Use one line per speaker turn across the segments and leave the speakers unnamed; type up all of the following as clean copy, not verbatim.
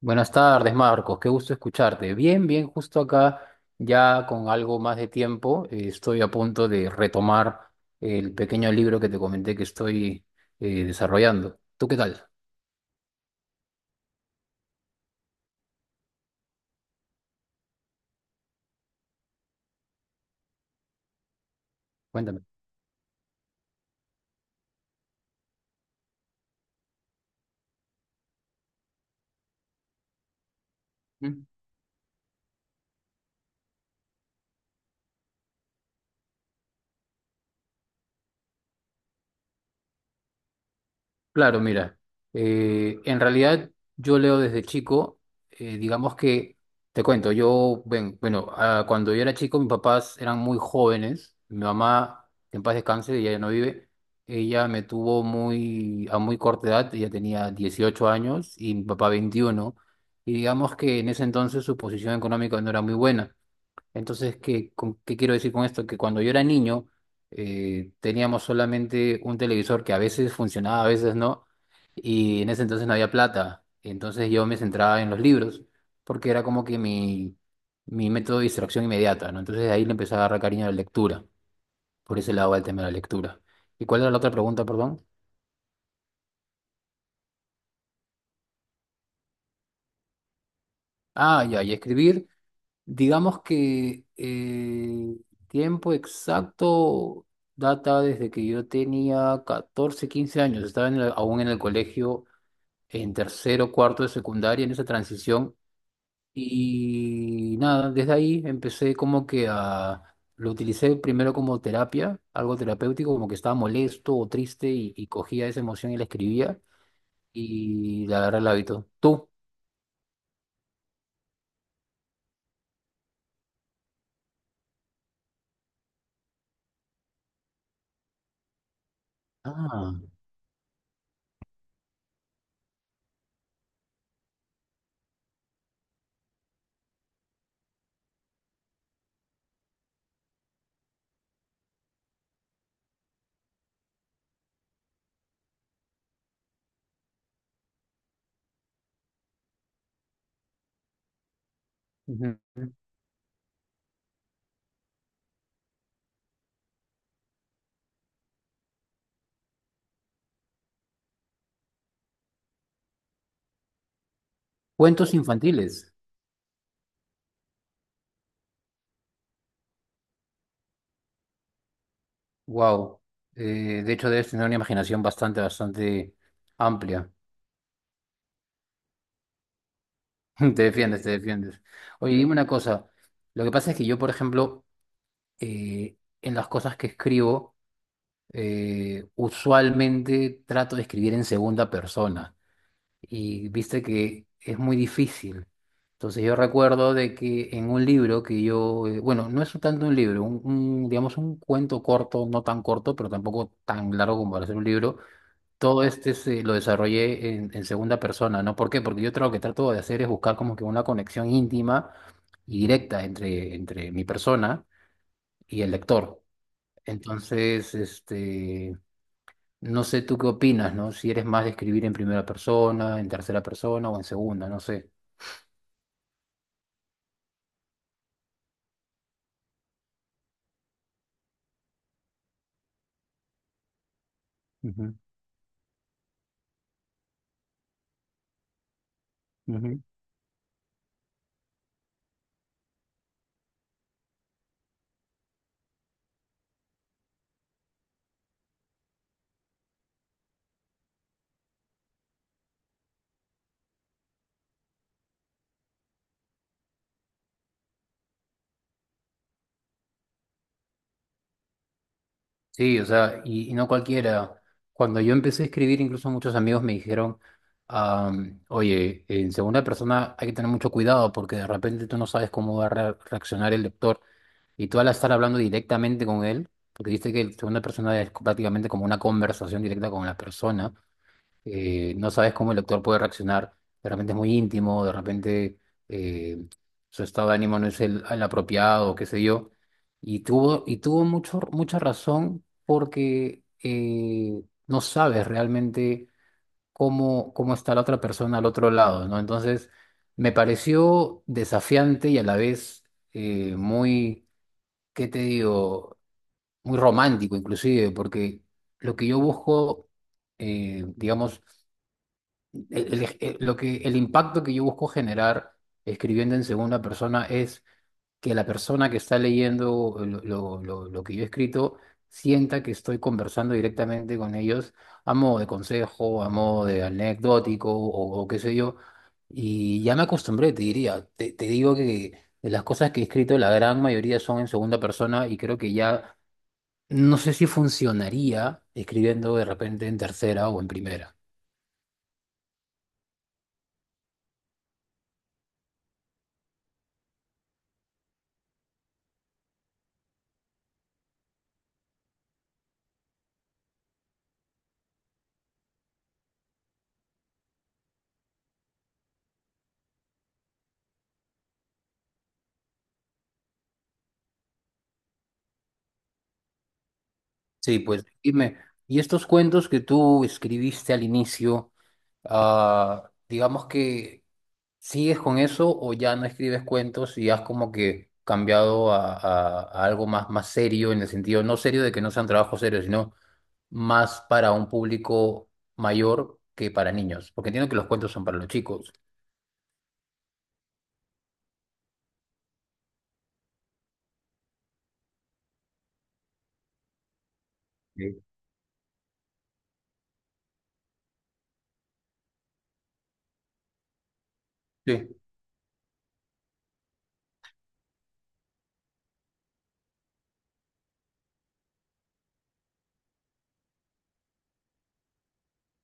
Buenas tardes, Marcos. Qué gusto escucharte. Bien, bien, justo acá, ya con algo más de tiempo, estoy a punto de retomar el pequeño libro que te comenté que estoy desarrollando. ¿Tú qué tal? Cuéntame. Claro, mira, en realidad yo leo desde chico. Digamos que, te cuento, bueno, cuando yo era chico mis papás eran muy jóvenes, mi mamá, en paz descanse, ella ya no vive. Ella me tuvo a muy corta edad. Ella tenía 18 años y mi papá 21, y digamos que en ese entonces su posición económica no era muy buena. Entonces, ¿qué quiero decir con esto? Que cuando yo era niño, teníamos solamente un televisor que a veces funcionaba, a veces no, y en ese entonces no había plata. Entonces yo me centraba en los libros, porque era como que mi método de distracción inmediata, ¿no? Entonces de ahí le empecé a agarrar cariño a la lectura, por ese lado al tema de la lectura. ¿Y cuál era la otra pregunta, perdón? Ah, ya, y escribir. Digamos que tiempo exacto data desde que yo tenía 14 15 años. Estaba aún en el colegio en tercero, cuarto de secundaria, en esa transición. Y nada, desde ahí empecé Lo utilicé primero como terapia, algo terapéutico, como que estaba molesto o triste y cogía esa emoción y la escribía y le agarré el hábito. Tú. Ah. Ujú. Cuentos infantiles. Wow. De hecho, debes tener una imaginación bastante, bastante amplia. Te defiendes, te defiendes. Oye, dime una cosa. Lo que pasa es que yo, por ejemplo, eh, en las cosas que escribo, usualmente trato de escribir en segunda persona. Y viste que es muy difícil. Entonces yo recuerdo de que en un libro que yo, bueno, no es tanto un libro, digamos un cuento corto, no tan corto, pero tampoco tan largo como para ser un libro, todo este se lo desarrollé en segunda persona, ¿no? ¿Por qué? Porque lo que trato de hacer es buscar como que una conexión íntima y directa entre mi persona y el lector. Entonces, este, no sé tú qué opinas, ¿no? Si eres más de escribir en primera persona, en tercera persona o en segunda, no sé. Ujú, ujú. Sí, o sea, y no cualquiera. Cuando yo empecé a escribir, incluso muchos amigos me dijeron, oye, en segunda persona hay que tener mucho cuidado porque de repente tú no sabes cómo va a reaccionar el lector, y tú al estar hablando directamente con él, porque dice que en segunda persona es prácticamente como una conversación directa con la persona, no sabes cómo el actor puede reaccionar. De repente es muy íntimo, de repente eh, su estado de ánimo no es el apropiado, qué sé yo. Y tuvo mucho, mucha razón porque no sabes realmente cómo está la otra persona al otro lado, ¿no? Entonces, me pareció desafiante y a la vez muy, ¿qué te digo? Muy romántico inclusive, porque lo que yo busco, digamos, el impacto que yo busco generar escribiendo en segunda persona es que la persona que está leyendo lo que yo he escrito sienta que estoy conversando directamente con ellos a modo de consejo, a modo de anecdótico o qué sé yo. Y ya me acostumbré, te diría. Te digo que de las cosas que he escrito, la gran mayoría son en segunda persona y creo que ya no sé si funcionaría escribiendo de repente en tercera o en primera. Sí, pues dime, y estos cuentos que tú escribiste al inicio, digamos que, ¿sigues con eso o ya no escribes cuentos y has como que cambiado a, a algo más, más serio, en el sentido, no serio de que no sean trabajos serios, sino más para un público mayor que para niños? Porque entiendo que los cuentos son para los chicos. Sí. Sí.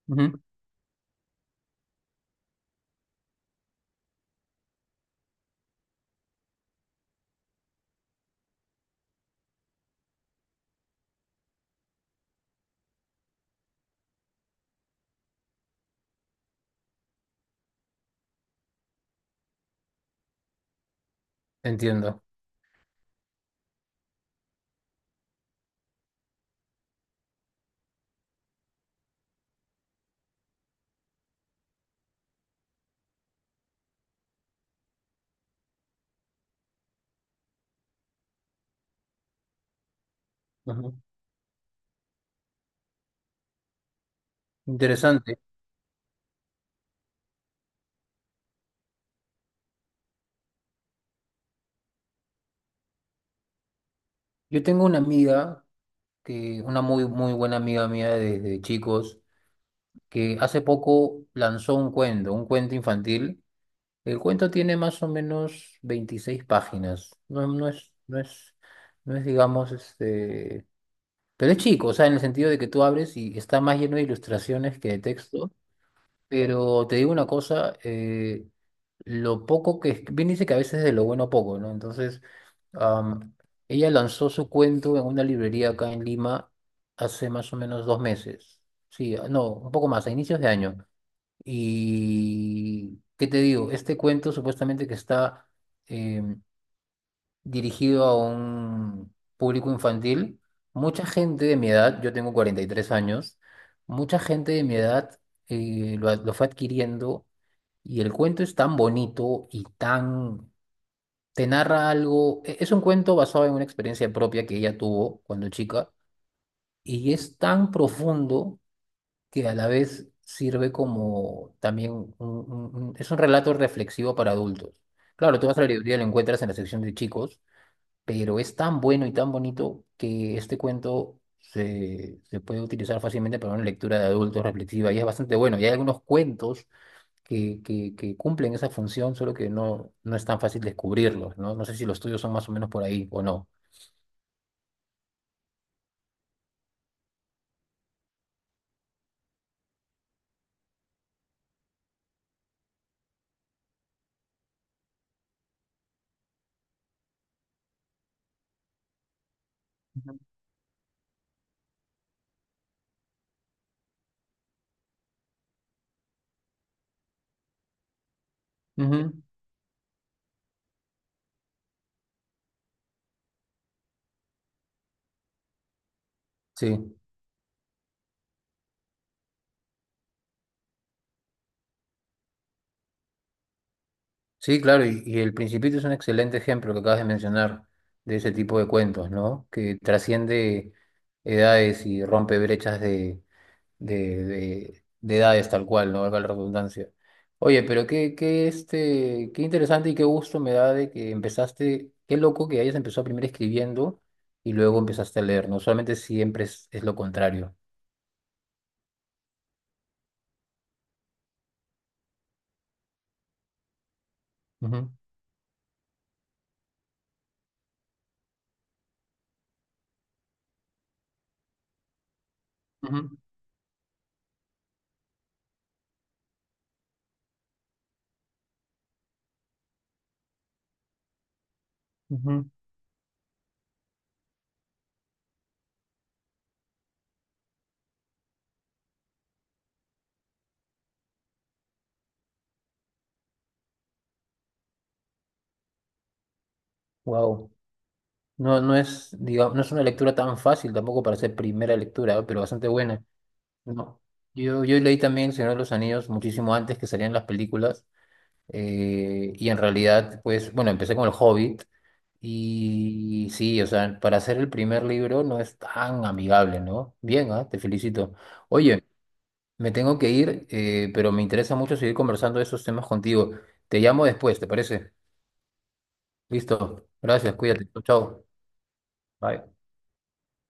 Ujú. Entiendo. Ujú. Interesante. Yo tengo una amiga, una muy, muy buena amiga mía desde chicos, que hace poco lanzó un cuento infantil. El cuento tiene más o menos 26 páginas. No, no es, digamos, este. Pero es chico, o sea, en el sentido de que tú abres y está más lleno de ilustraciones que de texto. Pero te digo una cosa, lo poco que... es- Bien dice que a veces de lo bueno poco, ¿no? Entonces, am, ella lanzó su cuento en una librería acá en Lima hace más o menos 2 meses. Sí, no, un poco más, a inicios de año. Y, ¿qué te digo? Este cuento supuestamente que está eh, dirigido a un público infantil, mucha gente de mi edad, yo tengo 43 años, mucha gente de mi edad lo fue adquiriendo, y el cuento es tan bonito y tan... Te narra algo, es un cuento basado en una experiencia propia que ella tuvo cuando chica, y es tan profundo que a la vez sirve como también es un relato reflexivo para adultos. Claro, tú vas a la librería y lo encuentras en la sección de chicos, pero es tan bueno y tan bonito que este cuento se puede utilizar fácilmente para una lectura de adultos reflexiva y es bastante bueno. Y hay algunos cuentos que cumplen esa función, solo que no, no es tan fácil descubrirlos, ¿no? No sé si los tuyos son más o menos por ahí o no. Ujú. Ujú, sí. Sí, claro, y El Principito es un excelente ejemplo que acabas de mencionar de ese tipo de cuentos, ¿no? Que trasciende edades y rompe brechas de edades tal cual, no valga la redundancia. Oye, pero este, qué interesante y qué gusto me da de que empezaste, qué loco que hayas empezado primero escribiendo y luego empezaste a leer, ¿no? Solamente siempre es lo contrario. Wow. No, no es, digamos, no es una lectura tan fácil tampoco para ser primera lectura, ¿no? Pero bastante buena. No. Yo leí también El Señor de los Anillos muchísimo antes que salían las películas. Y en realidad, pues, bueno, empecé con El Hobbit. Y sí, o sea, para hacer el primer libro no es tan amigable, ¿no? Bien, te felicito. Oye, me tengo que ir, pero me interesa mucho seguir conversando de esos temas contigo. Te llamo después, ¿te parece? Listo. Gracias, cuídate. Chao. Bye.